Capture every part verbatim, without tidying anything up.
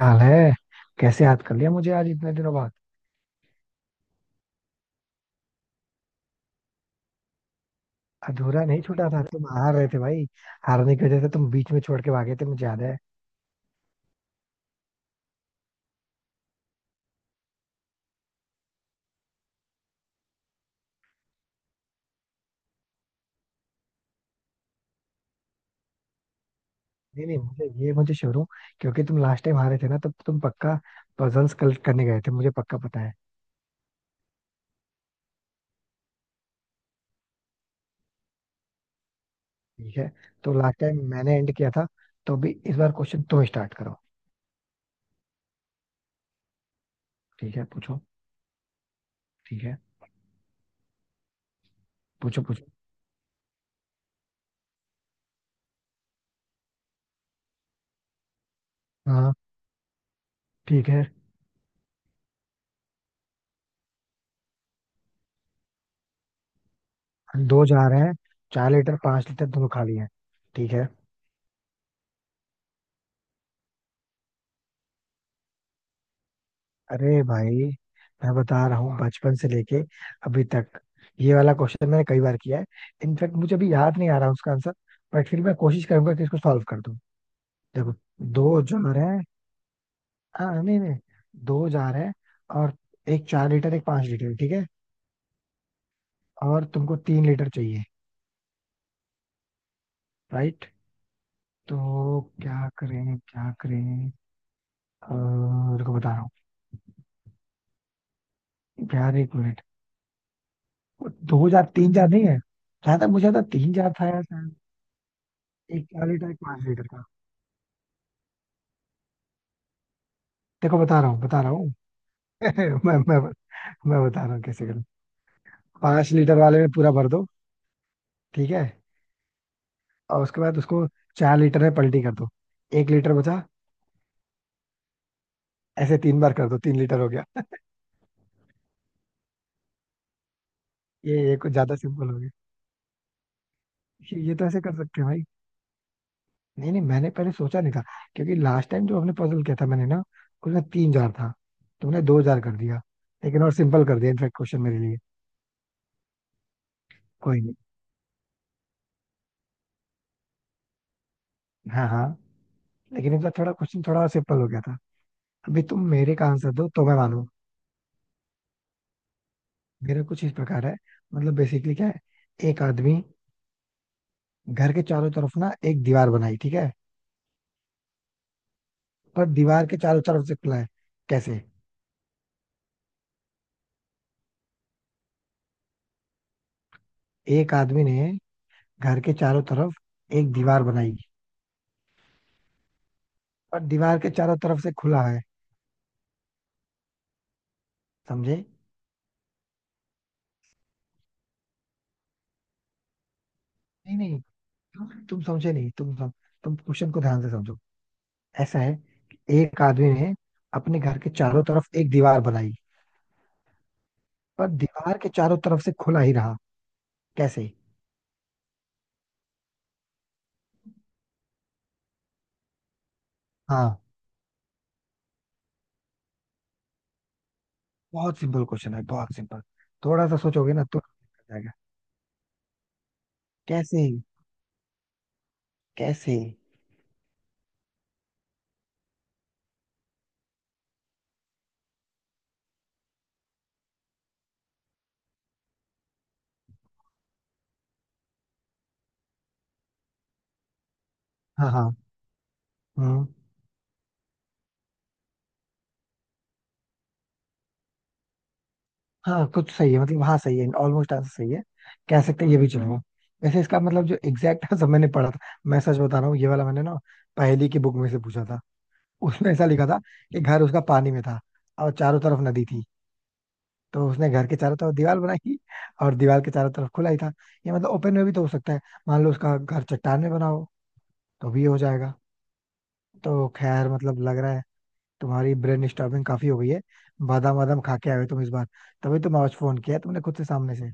हाल है। कैसे याद कर लिया मुझे आज इतने दिनों बाद? अधूरा नहीं छूटा था, तुम हार रहे थे भाई। हारने की वजह से तुम बीच में छोड़ के भागे थे, मुझे याद है। नहीं नहीं, मुझे ये मुझे श्योर हूँ। क्योंकि तुम लास्ट टाइम हारे थे ना, तब तुम पक्का पजल्स कलेक्ट करने गए थे, मुझे पक्का पता है। ठीक है। तो लास्ट टाइम मैंने एंड किया था, तो भी इस बार क्वेश्चन तुम स्टार्ट करो। ठीक है, पूछो। ठीक है। पूछो पूछो। हाँ, ठीक है। दो जा रहे हैं। चार लीटर पांच लीटर दोनों खाली है। ठीक है। अरे भाई, मैं बता रहा हूँ बचपन से लेके अभी तक ये वाला क्वेश्चन मैंने कई बार किया है। इनफैक्ट मुझे अभी याद नहीं आ रहा उसका आंसर। बट फिर मैं कोशिश करूंगा कि इसको सॉल्व कर दूं। देखो, दो जार है। हाँ नहीं नहीं, दो जार है। और एक चार लीटर, एक पांच लीटर, ठीक है। और तुमको तीन लीटर चाहिए, राइट? तो क्या करें, क्या करें। अह, रुको बता रहा हूँ यार, एक मिनट। वो दो जार, तीन जार नहीं है? जहां तक मुझे था तीन जार था यार शायद। एक चार लीटर एक पांच लीटर का। देखो बता रहा हूँ, बता रहा हूँ। मैं मैं मैं बता रहा हूँ कैसे करूँ। पांच लीटर वाले में पूरा भर दो। ठीक है। और उसके बाद उसको चार लीटर में पलटी कर दो। एक लीटर बचा। ऐसे तीन बार कर दो, तीन लीटर हो गया। ये ये कुछ ज्यादा सिंपल हो गया। ये ये तो ऐसे कर सकते हैं भाई। नहीं नहीं, मैंने पहले सोचा नहीं था। क्योंकि लास्ट टाइम जो हमने पजल किया था मैंने ना, उसमें तीन जार था, तुमने दो जार कर दिया। लेकिन और सिंपल कर दिया इनफेक्ट, क्वेश्चन मेरे लिए। कोई नहीं। हाँ हाँ। लेकिन इनका थोड़ा क्वेश्चन थोड़ा सिंपल हो गया था। अभी तुम मेरे का आंसर दो तो मैं मानू। मेरा कुछ इस प्रकार है, मतलब बेसिकली क्या है। एक आदमी, घर के चारों तरफ ना एक दीवार बनाई, ठीक है। पर दीवार के चारों तरफ से खुला है। कैसे? एक आदमी ने घर के चारों तरफ एक दीवार बनाई। पर दीवार के चारों तरफ से खुला है। समझे? नहीं नहीं, तुम तुम समझे नहीं। तुम सम, तुम क्वेश्चन को ध्यान से समझो। ऐसा है कि एक आदमी ने अपने घर के चारों तरफ एक दीवार बनाई। पर दीवार के चारों तरफ से खुला ही रहा। कैसे? हाँ, बहुत सिंपल क्वेश्चन है, बहुत सिंपल। थोड़ा सा सोचोगे ना तो निकल जाएगा। कैसे? कैसे? हाँ हाँ, हम्म, हाँ, कुछ सही है, मतलब हाँ सही है, ऑलमोस्ट आंसर सही है। कह सकते हैं, ये भी चलेगा। वैसे इसका मतलब जो एग्जैक्ट आंसर मैंने पढ़ा था, मैं सच बता रहा हूँ, ये वाला मैंने ना पहेली की बुक में से पूछा था। उसमें ऐसा लिखा था कि घर उसका पानी में था और चारों तरफ नदी थी। तो उसने घर के चारों तरफ दीवार बनाई, और दीवार के चारों तरफ खुला ही था। ये मतलब ओपन में भी तो हो सकता है। मान लो उसका घर चट्टान में बना हो, तो भी हो जाएगा। तो खैर मतलब लग रहा है तुम्हारी ब्रेन स्टॉर्मिंग काफी हो गई है। बादाम वादाम खा के आए हो तुम इस बार। तभी तुम आज फोन किया तुमने, खुद से सामने से।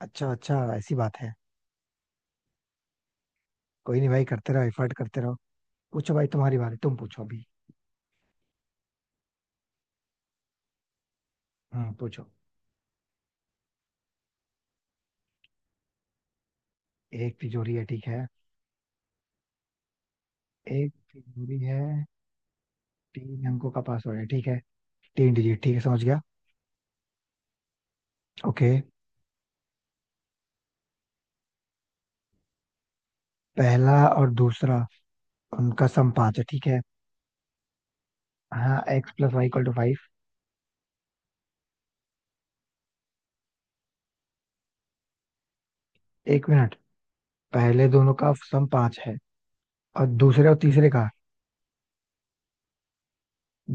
अच्छा अच्छा, ऐसी बात है। कोई नहीं भाई, करते रहो, एफर्ट करते रहो। पूछो भाई, तुम्हारी बारी, तुम पूछो अभी। हाँ, पूछो। एक तिजोरी है, ठीक है। एक तिजोरी है, तीन अंकों का पासवर्ड है, ठीक है। तीन डिजिट, ठीक है, समझ गया। ओके। पहला और दूसरा, उनका सम पाँच है। ठीक है। हाँ, x plus y equal to five. एक मिनट। पहले दोनों का सम पाँच है। और दूसरे और तीसरे का,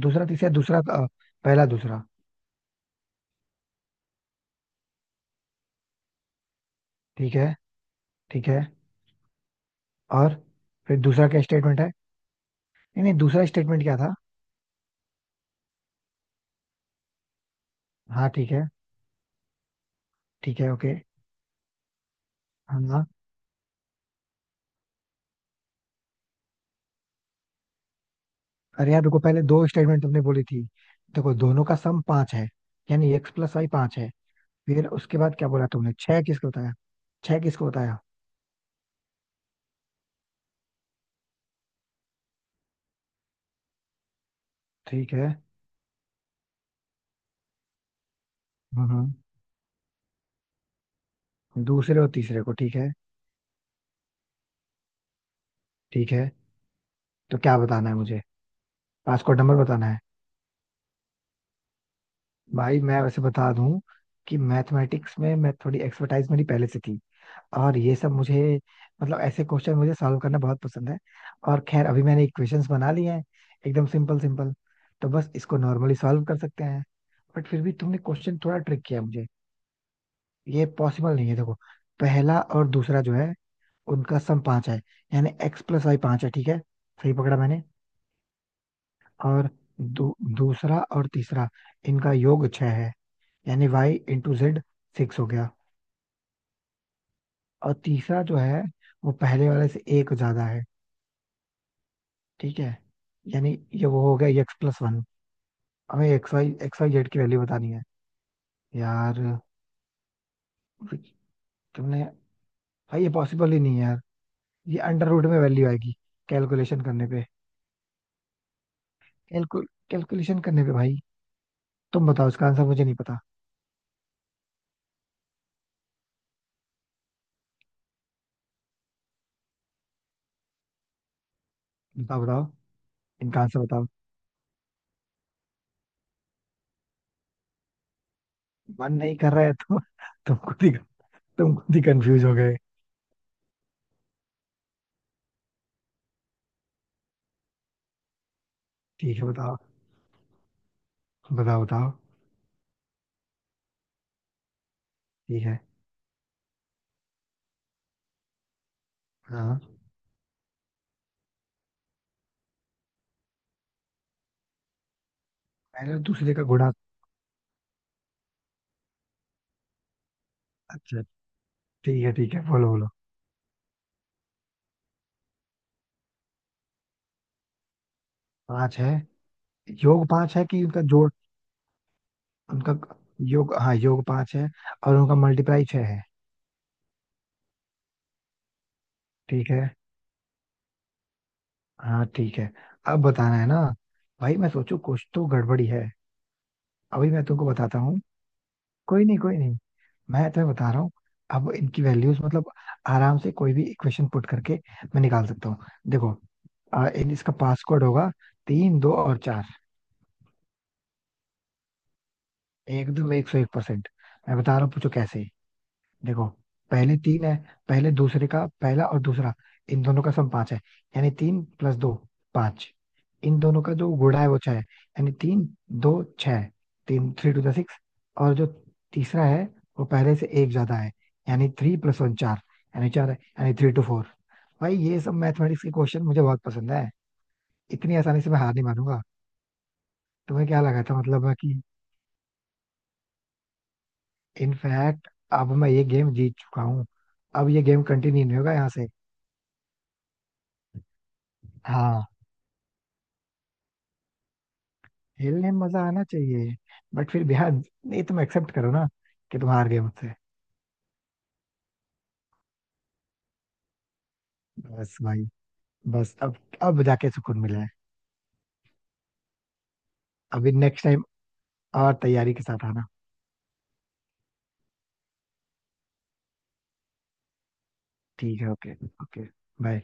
दूसरा तीसरा दूसरा अ, पहला दूसरा। ठीक है। ठीक है। और फिर दूसरा क्या स्टेटमेंट है? नहीं नहीं, दूसरा स्टेटमेंट क्या था? हाँ, ठीक है। ठीक है, ओके। हाँ हाँ। अरे यार, रुको, पहले दो स्टेटमेंट तुमने बोली थी। देखो, दोनों का सम पांच है, यानी एक्स प्लस वाई पांच है। फिर उसके बाद क्या बोला तुमने? छह किसको बताया? छह किसको बताया? ठीक है। हम्म हम्म। दूसरे और तीसरे को, ठीक है। ठीक है, तो क्या बताना है मुझे? पांच को नंबर बताना है? भाई मैं वैसे बता दूं कि मैथमेटिक्स में मैं थोड़ी एक्सपर्टाइज मेरी पहले से थी। और ये सब मुझे, मतलब ऐसे क्वेश्चन मुझे सॉल्व करना बहुत पसंद है। और खैर अभी मैंने इक्वेशंस बना लिए हैं, एकदम सिंपल सिंपल। तो बस इसको नॉर्मली सॉल्व कर सकते हैं। बट फिर भी तुमने क्वेश्चन थोड़ा ट्रिक किया मुझे। ये पॉसिबल नहीं है। देखो, पहला और दूसरा जो है, उनका सम पांच है, यानी एक्स प्लस वाई पांच है। ठीक है। सही पकड़ा मैंने? और दू, दूसरा और तीसरा, इनका योग छह है, यानी वाई इंटू जेड सिक्स हो गया। और तीसरा जो है, वो पहले वाले से एक ज्यादा है। ठीक है। यानी ये वो हो गया एक्स प्लस वन। हमें x y x y z की वैल्यू बतानी है। यार, तुमने, भाई ये पॉसिबल ही नहीं है यार। ये अंडर रूट में वैल्यू आएगी, कैलकुलेशन करने पे। कैलकुल कैलकुलेशन करने पे भाई, तुम बताओ, इसका आंसर मुझे नहीं पता। बताओ बताओ, इनका आंसर बताओ। मन नहीं कर रहा है तो तुम खुद ही तुम खुद ही कंफ्यूज हो गए। ठीक है, बताओ। बताओ बताओ। ठीक है, हाँ। पहले दूसरे का गुणा? अच्छा, ठीक है, ठीक है, बोलो बोलो। पांच है, योग पांच है कि उनका जोड़? उनका योग, हाँ, योग पांच है। और उनका मल्टीप्लाई छह है। ठीक है। हाँ, ठीक है। अब बताना है ना। भाई मैं सोचू, कुछ तो गड़बड़ी है। अभी मैं तुमको बताता हूँ। कोई नहीं कोई नहीं, मैं तुम्हें बता रहा हूँ। अब इनकी वैल्यूज, मतलब आराम से कोई भी इक्वेशन पुट करके मैं निकाल सकता हूँ। देखो, आ, इन इसका पासवर्ड होगा तीन दो और चार। एकदम एक सौ एक परसेंट। मैं बता रहा हूँ, पूछो कैसे। देखो, पहले तीन है। पहले दूसरे का पहला और दूसरा, इन दोनों का सम पांच है। यानी तीन प्लस दो, पांच। इन दोनों का जो गुणा है वो छह है, यानी तीन दो छह, तीन थ्री टू द सिक्स। और जो तीसरा है, वो पहले से एक ज्यादा है। यानी थ्री प्लस वन चार, यानी चार है, यानी थ्री टू फोर। भाई ये सब मैथमेटिक्स के क्वेश्चन मुझे बहुत पसंद है। इतनी आसानी से मैं हार नहीं मानूंगा। तुम्हें क्या लगा था, मतलब मैं कि, इनफैक्ट अब मैं ये गेम जीत चुका हूँ। अब ये गेम कंटिन्यू नहीं होगा यहाँ से। हाँ, खेलने में मजा आना चाहिए। बट फिर भी यार नहीं, तुम एक्सेप्ट करो ना कि तुम हार गए मुझसे। बस भाई। बस, अब अब जाके सुकून मिला है। अभी नेक्स्ट टाइम और तैयारी के साथ आना। ठीक है, ओके। Okay, bye.